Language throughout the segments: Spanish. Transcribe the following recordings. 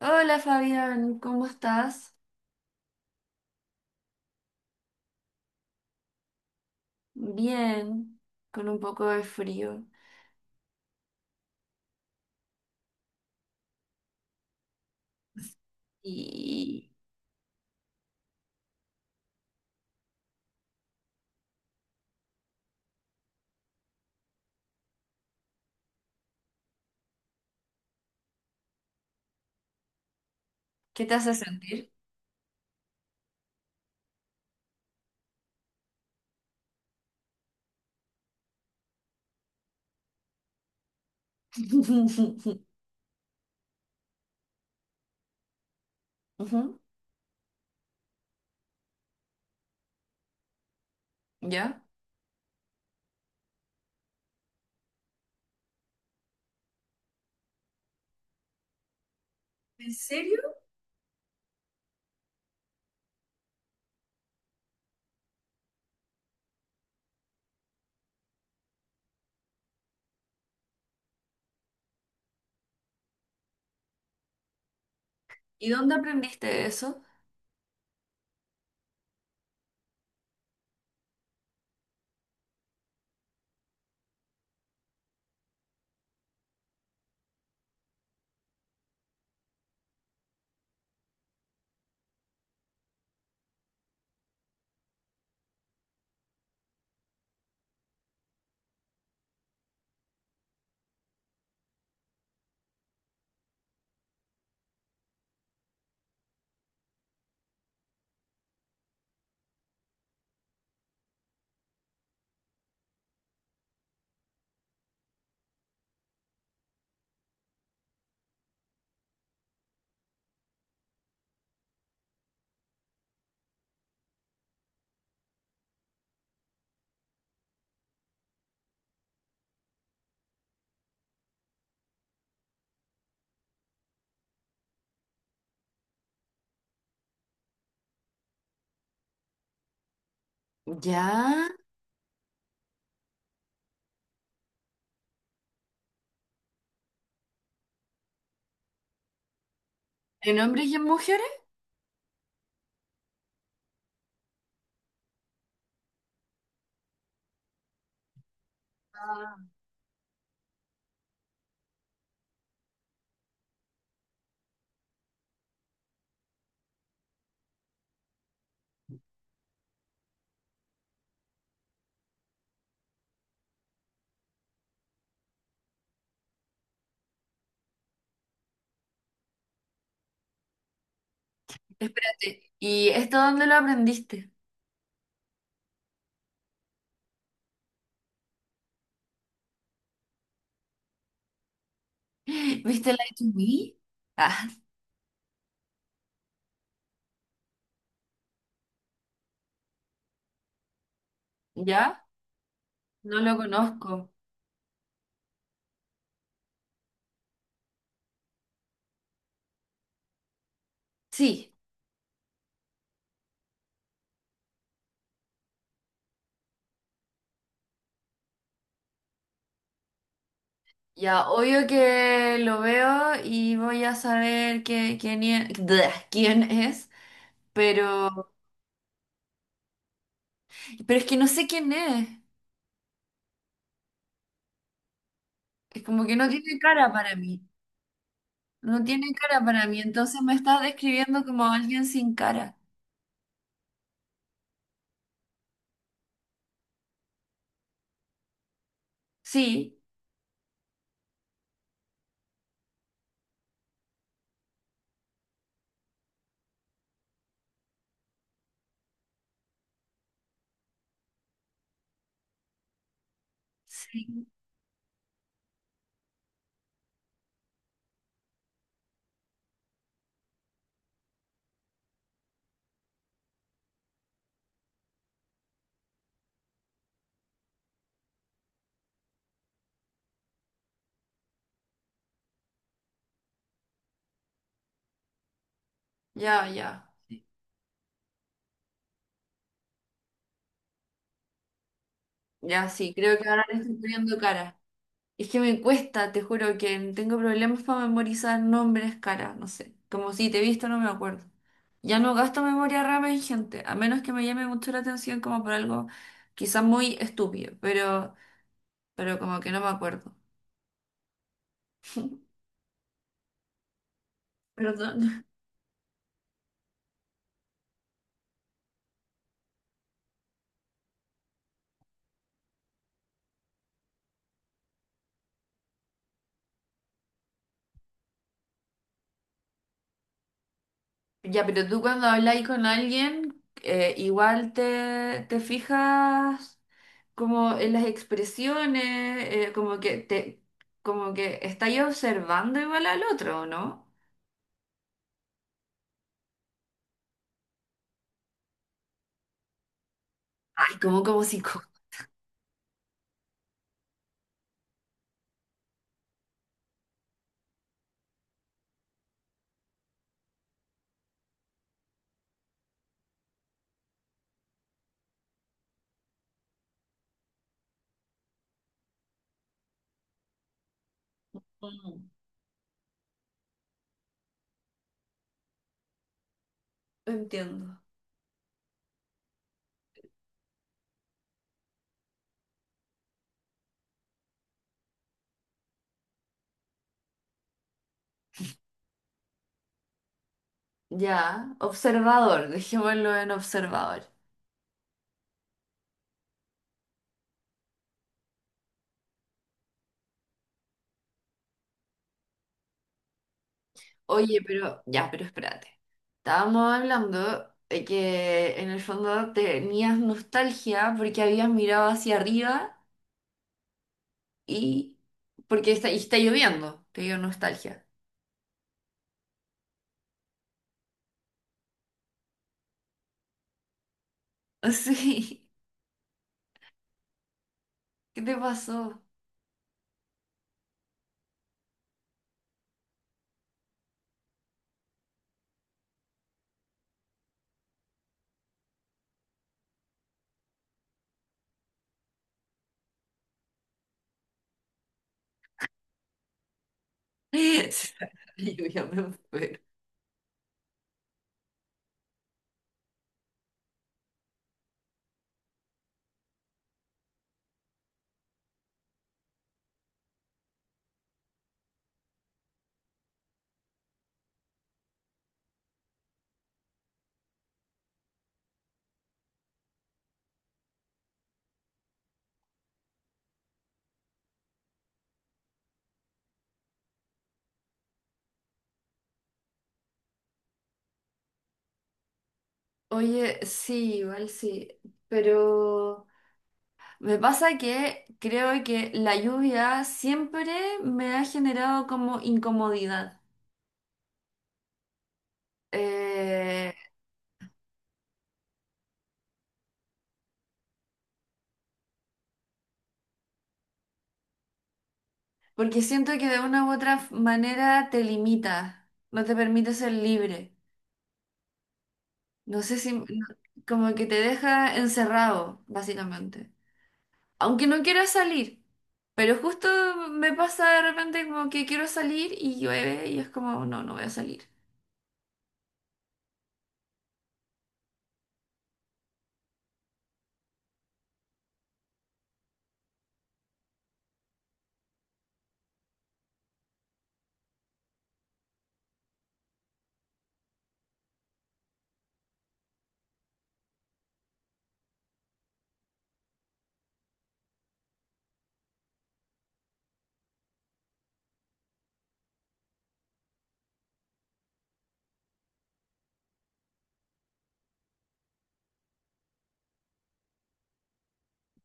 Hola Fabián, ¿cómo estás? Bien, con un poco de frío. ¿Y qué te hace sentir? Ujú. ¿Ya? ¿En serio? ¿Y dónde aprendiste eso? ¿Ya? ¿En hombres y en mujeres? Ah. Espérate, ¿y esto dónde lo aprendiste? ¿Viste la to me? Ah, ¿ya? No lo conozco. Sí, ya, obvio que lo veo y voy a saber quién es, quién es. Pero, pero es que no sé quién es. Es como que no tiene cara para mí. No tiene cara para mí. Entonces me estás describiendo como alguien sin cara. Sí, sí. Ya, ya. Ya, sí, creo que ahora le estoy poniendo cara. Es que me cuesta, te juro que tengo problemas para memorizar nombres, cara. No sé. Como si te he visto, no me acuerdo. Ya no gasto memoria RAM en gente, a menos que me llame mucho la atención como por algo quizás muy estúpido, pero como que no me acuerdo. Perdón. Ya, pero tú cuando habláis con alguien, igual te fijas como en las expresiones, como como que estáis observando igual al otro, ¿no? Ay, como como psicólogo. Mm, Entiendo. Ya, observador, dejémoslo en observador. Oye, pero ya, pero espérate. Estábamos hablando de que en el fondo tenías nostalgia porque habías mirado hacia arriba y porque y está lloviendo, te dio nostalgia. Sí, ¿qué te pasó? Sí, yo ya me muero. Oye, sí, igual sí, pero me pasa que creo que la lluvia siempre me ha generado como incomodidad, Eh, porque siento que de una u otra manera te limita, no te permite ser libre, no sé si, como que te deja encerrado, básicamente, aunque no quiera salir. Pero justo me pasa de repente como que quiero salir y llueve y es como, no, no voy a salir.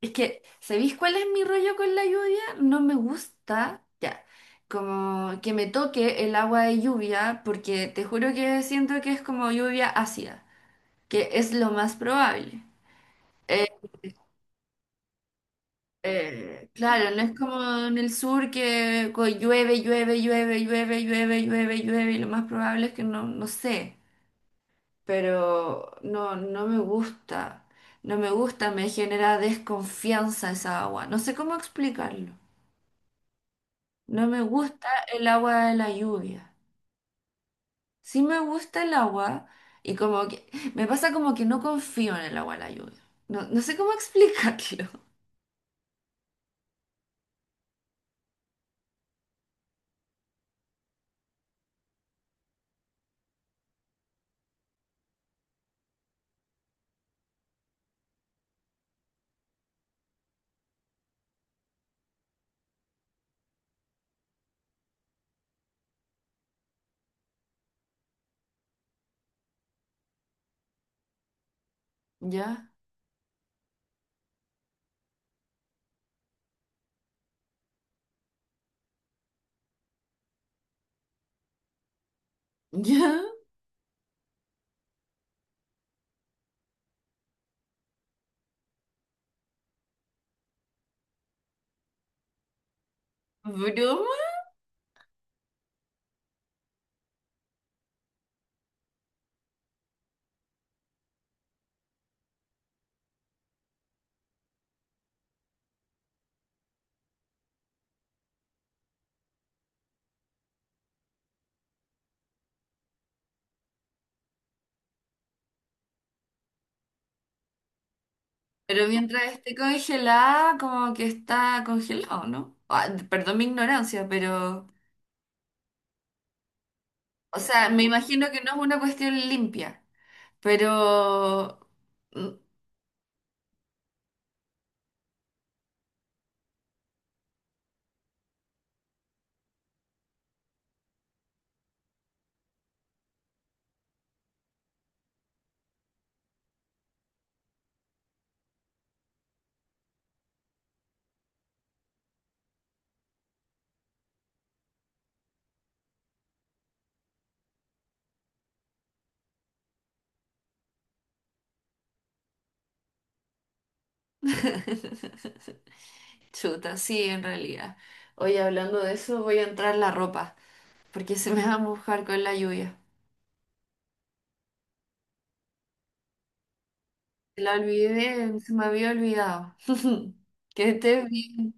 Es que, ¿sabéis cuál es mi rollo con la lluvia? No me gusta, ya, como que me toque el agua de lluvia porque te juro que siento que es como lluvia ácida, que es lo más probable. Eh, claro, no es como en el sur que llueve, llueve, llueve, llueve, llueve, llueve, llueve, y lo más probable es que no, no sé, pero no, no me gusta, no me gusta, me genera desconfianza esa agua, no sé cómo explicarlo, no me gusta el agua de la lluvia, sí me gusta el agua, y como que me pasa como que no confío en el agua de la lluvia, no, no sé cómo explicarlo. ¿Ya? ¿Ya? ¿Broma? Pero mientras esté congelada, como que está congelado, ¿no? Ah, perdón mi ignorancia, pero, o sea, me imagino que no es una cuestión limpia, pero... Chuta, sí, en realidad. Oye, hablando de eso, voy a entrar la ropa, porque se me va a mojar con la lluvia. La olvidé, se me había olvidado. Que estés bien.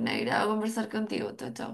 Un agrado conversar contigo. Chao, chao.